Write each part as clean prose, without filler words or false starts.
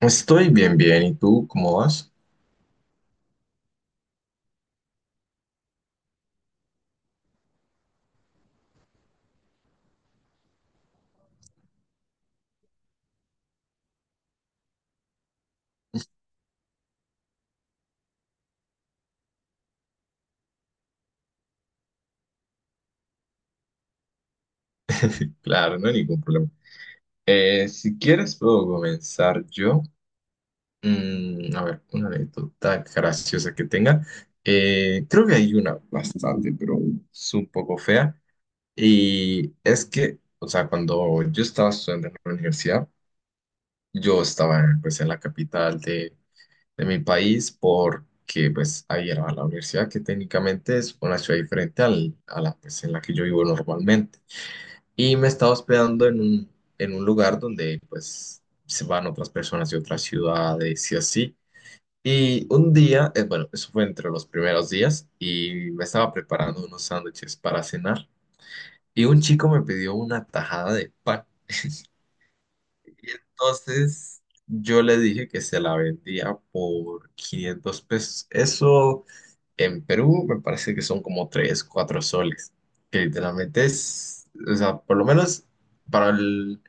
Estoy bien, bien. ¿Y tú cómo vas? Claro, no hay ningún problema. Si quieres, puedo comenzar yo. A ver, una anécdota graciosa que tenga. Creo que hay una bastante, pero es un poco fea. Y es que, o sea, cuando yo estaba estudiando en la universidad, yo estaba pues en la capital de mi país porque pues ahí era la universidad que técnicamente es una ciudad diferente a la pues, en la que yo vivo normalmente. Y me estaba hospedando en un lugar donde pues se van otras personas de otras ciudades y así. Y un día, bueno, eso fue entre los primeros días y me estaba preparando unos sándwiches para cenar y un chico me pidió una tajada de pan. Y entonces yo le dije que se la vendía por 500 pesos. Eso en Perú me parece que son como 3 o 4 soles, que literalmente es, o sea, por lo menos para el.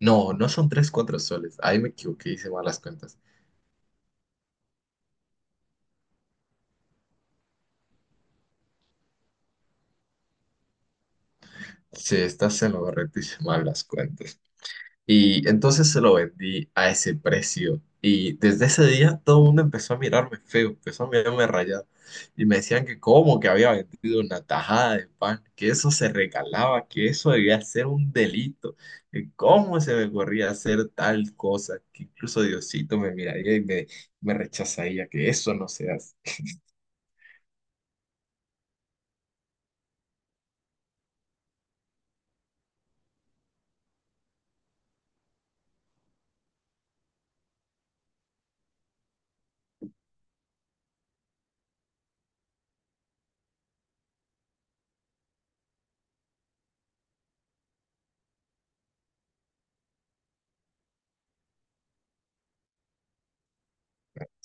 No, no son 3 o 4 soles. Ahí me equivoqué, hice malas cuentas. Sí, estás en lo correcto, hice malas cuentas. Y entonces se lo vendí a ese precio. Y desde ese día todo el mundo empezó a mirarme feo, empezó a mirarme rayado. Y me decían que cómo, que había vendido una tajada de pan, que eso se regalaba, que eso debía ser un delito, que cómo se me ocurría hacer tal cosa, que incluso Diosito me miraría y me rechazaría, que eso no se hace.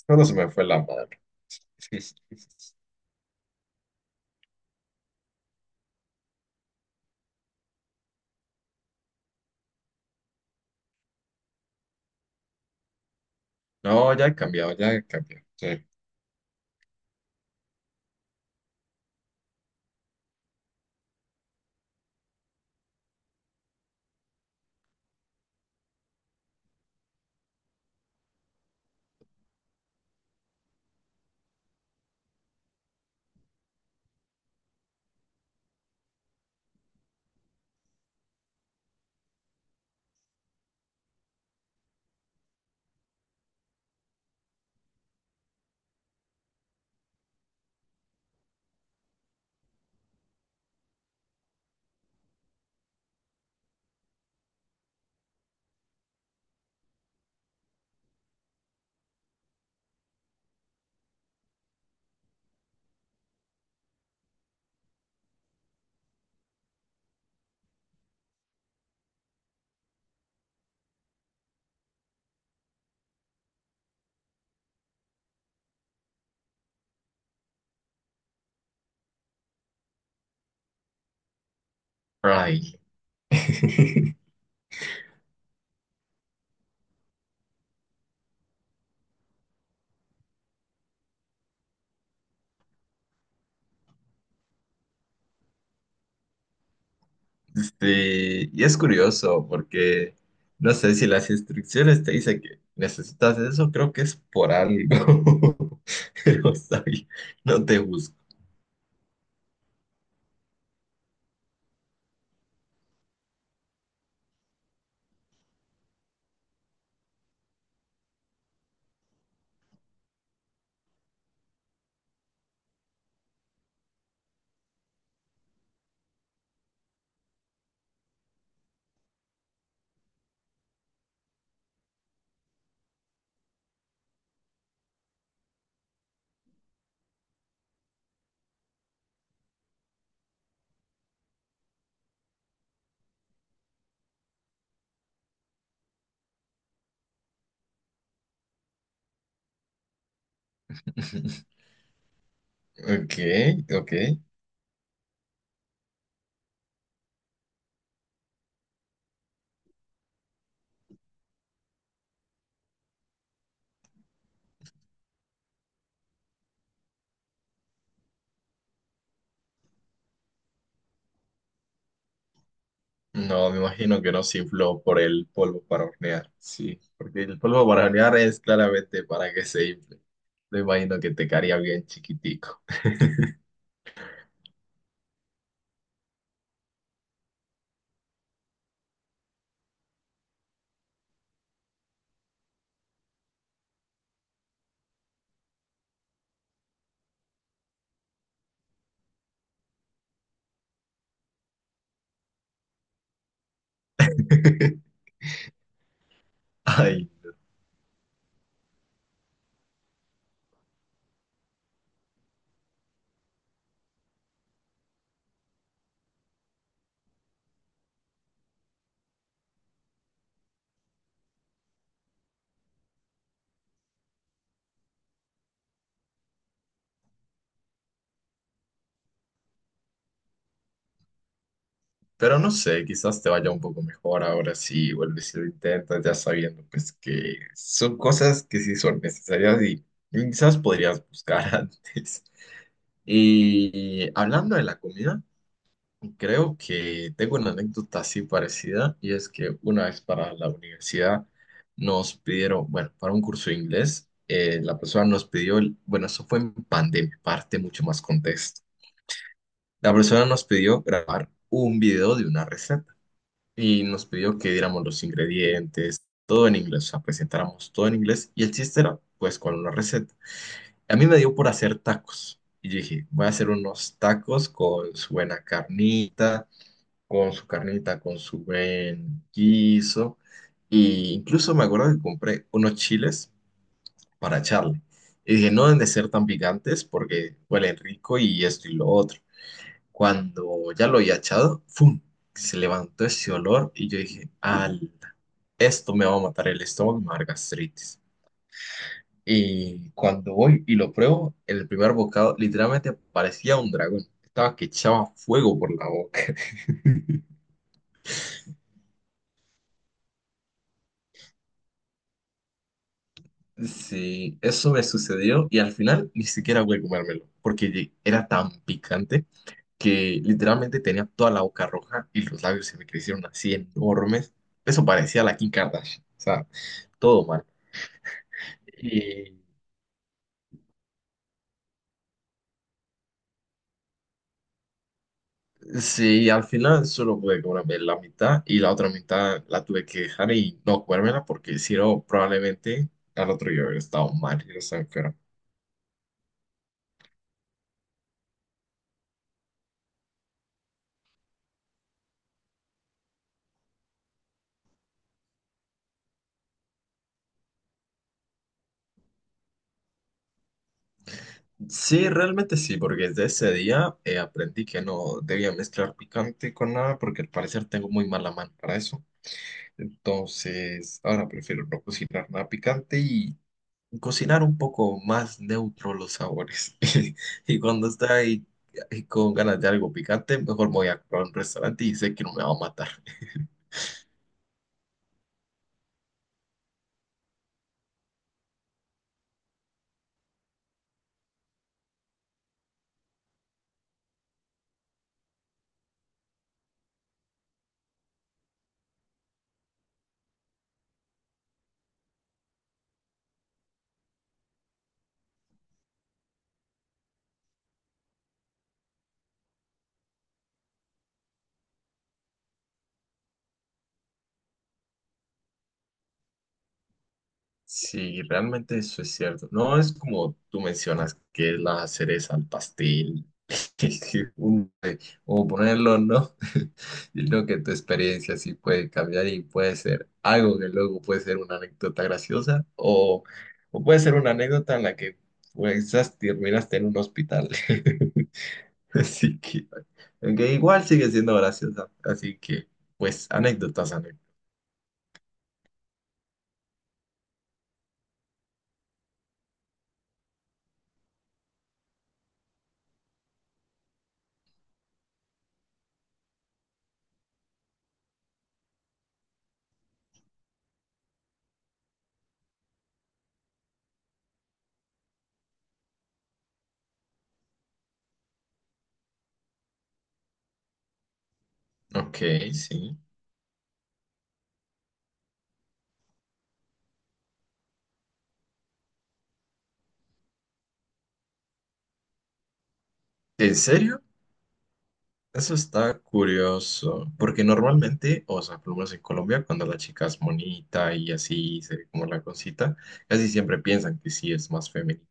Solo se me fue la mano. No, ya he cambiado, ya he cambiado. Sí. Ay. Y es curioso porque no sé si las instrucciones te dicen que necesitas eso, creo que es por algo. Pero está bien, no te busco. Ok, ok. No, me imagino que no se infló por el polvo para hornear. Sí, porque el polvo para hornear es claramente para que se infle. Me imagino que te caería bien chiquitico. Ay, pero no sé, quizás te vaya un poco mejor ahora si vuelves y lo intentas, ya sabiendo pues que son cosas que sí son necesarias y quizás podrías buscar antes. Y hablando de la comida, creo que tengo una anécdota así parecida y es que una vez para la universidad nos pidieron, bueno, para un curso de inglés, la persona nos pidió, bueno, eso fue en pandemia, parte mucho más contexto. La persona nos pidió grabar un video de una receta. Y nos pidió que diéramos los ingredientes, todo en inglés, o sea, presentáramos todo en inglés y el chiste era pues con una receta. A mí me dio por hacer tacos y yo dije, voy a hacer unos tacos con su buena carnita, con su buen guiso y incluso me acuerdo que compré unos chiles para echarle. Y dije, no deben de ser tan picantes porque huelen rico y esto y lo otro. Cuando ya lo había echado, ¡fum! Se levantó ese olor y yo dije, al, esto me va a matar el estómago, me va a dar gastritis. Y cuando voy y lo pruebo, el primer bocado literalmente parecía un dragón. Estaba que echaba fuego por la boca. Sí, eso me sucedió y al final ni siquiera voy a comérmelo, porque era tan picante que literalmente tenía toda la boca roja y los labios se me crecieron así enormes. Eso parecía la Kim Kardashian, o sea, todo mal. Sí, al final solo pude comerme la mitad y la otra mitad la tuve que dejar y no comérmela porque si no, probablemente al otro día hubiera estado mal y no estaba enfermo. Sí, realmente sí, porque desde ese día aprendí que no debía mezclar picante con nada porque al parecer tengo muy mala mano para eso. Entonces, ahora prefiero no cocinar nada picante y cocinar un poco más neutro los sabores. Y cuando está ahí con ganas de algo picante, mejor me voy a comprar un restaurante y sé que no me va a matar. Sí, realmente eso es cierto. No es como tú mencionas, que es la cereza al pastel, un, o ponerlo, ¿no? Sino que tu experiencia sí puede cambiar y puede ser algo que luego puede ser una anécdota graciosa o puede ser una anécdota en la que pues, terminaste en un hospital. Así que, aunque igual sigue siendo graciosa. Así que, pues, anécdotas, anécdotas. Ok, sí. ¿En serio? Eso está curioso. Porque normalmente, o sea, por lo menos en Colombia, cuando la chica es bonita y así se ve como la cosita, casi siempre piensan que sí es más femenina.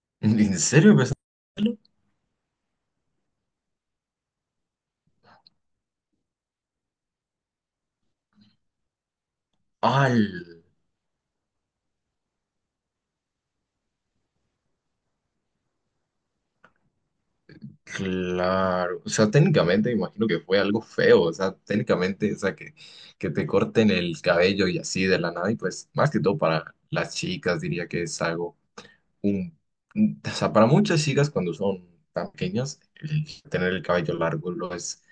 ¿En serio? Pues, ¡al! Claro, o sea, técnicamente me imagino que fue algo feo, o sea, técnicamente, o sea, que te corten el cabello y así de la nada, y pues más que todo para las chicas diría que es algo, un, o sea, para muchas chicas cuando son tan pequeñas, el tener el cabello largo lo es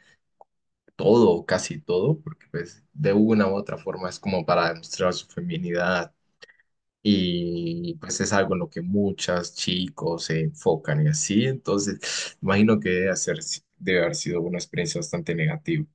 todo, casi todo, porque pues de una u otra forma es como para demostrar su feminidad y pues es algo en lo que muchos chicos se enfocan y así. Entonces, imagino que debe haber sido una experiencia bastante negativa.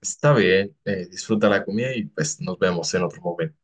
Está bien, disfruta la comida y pues nos vemos en otro momento.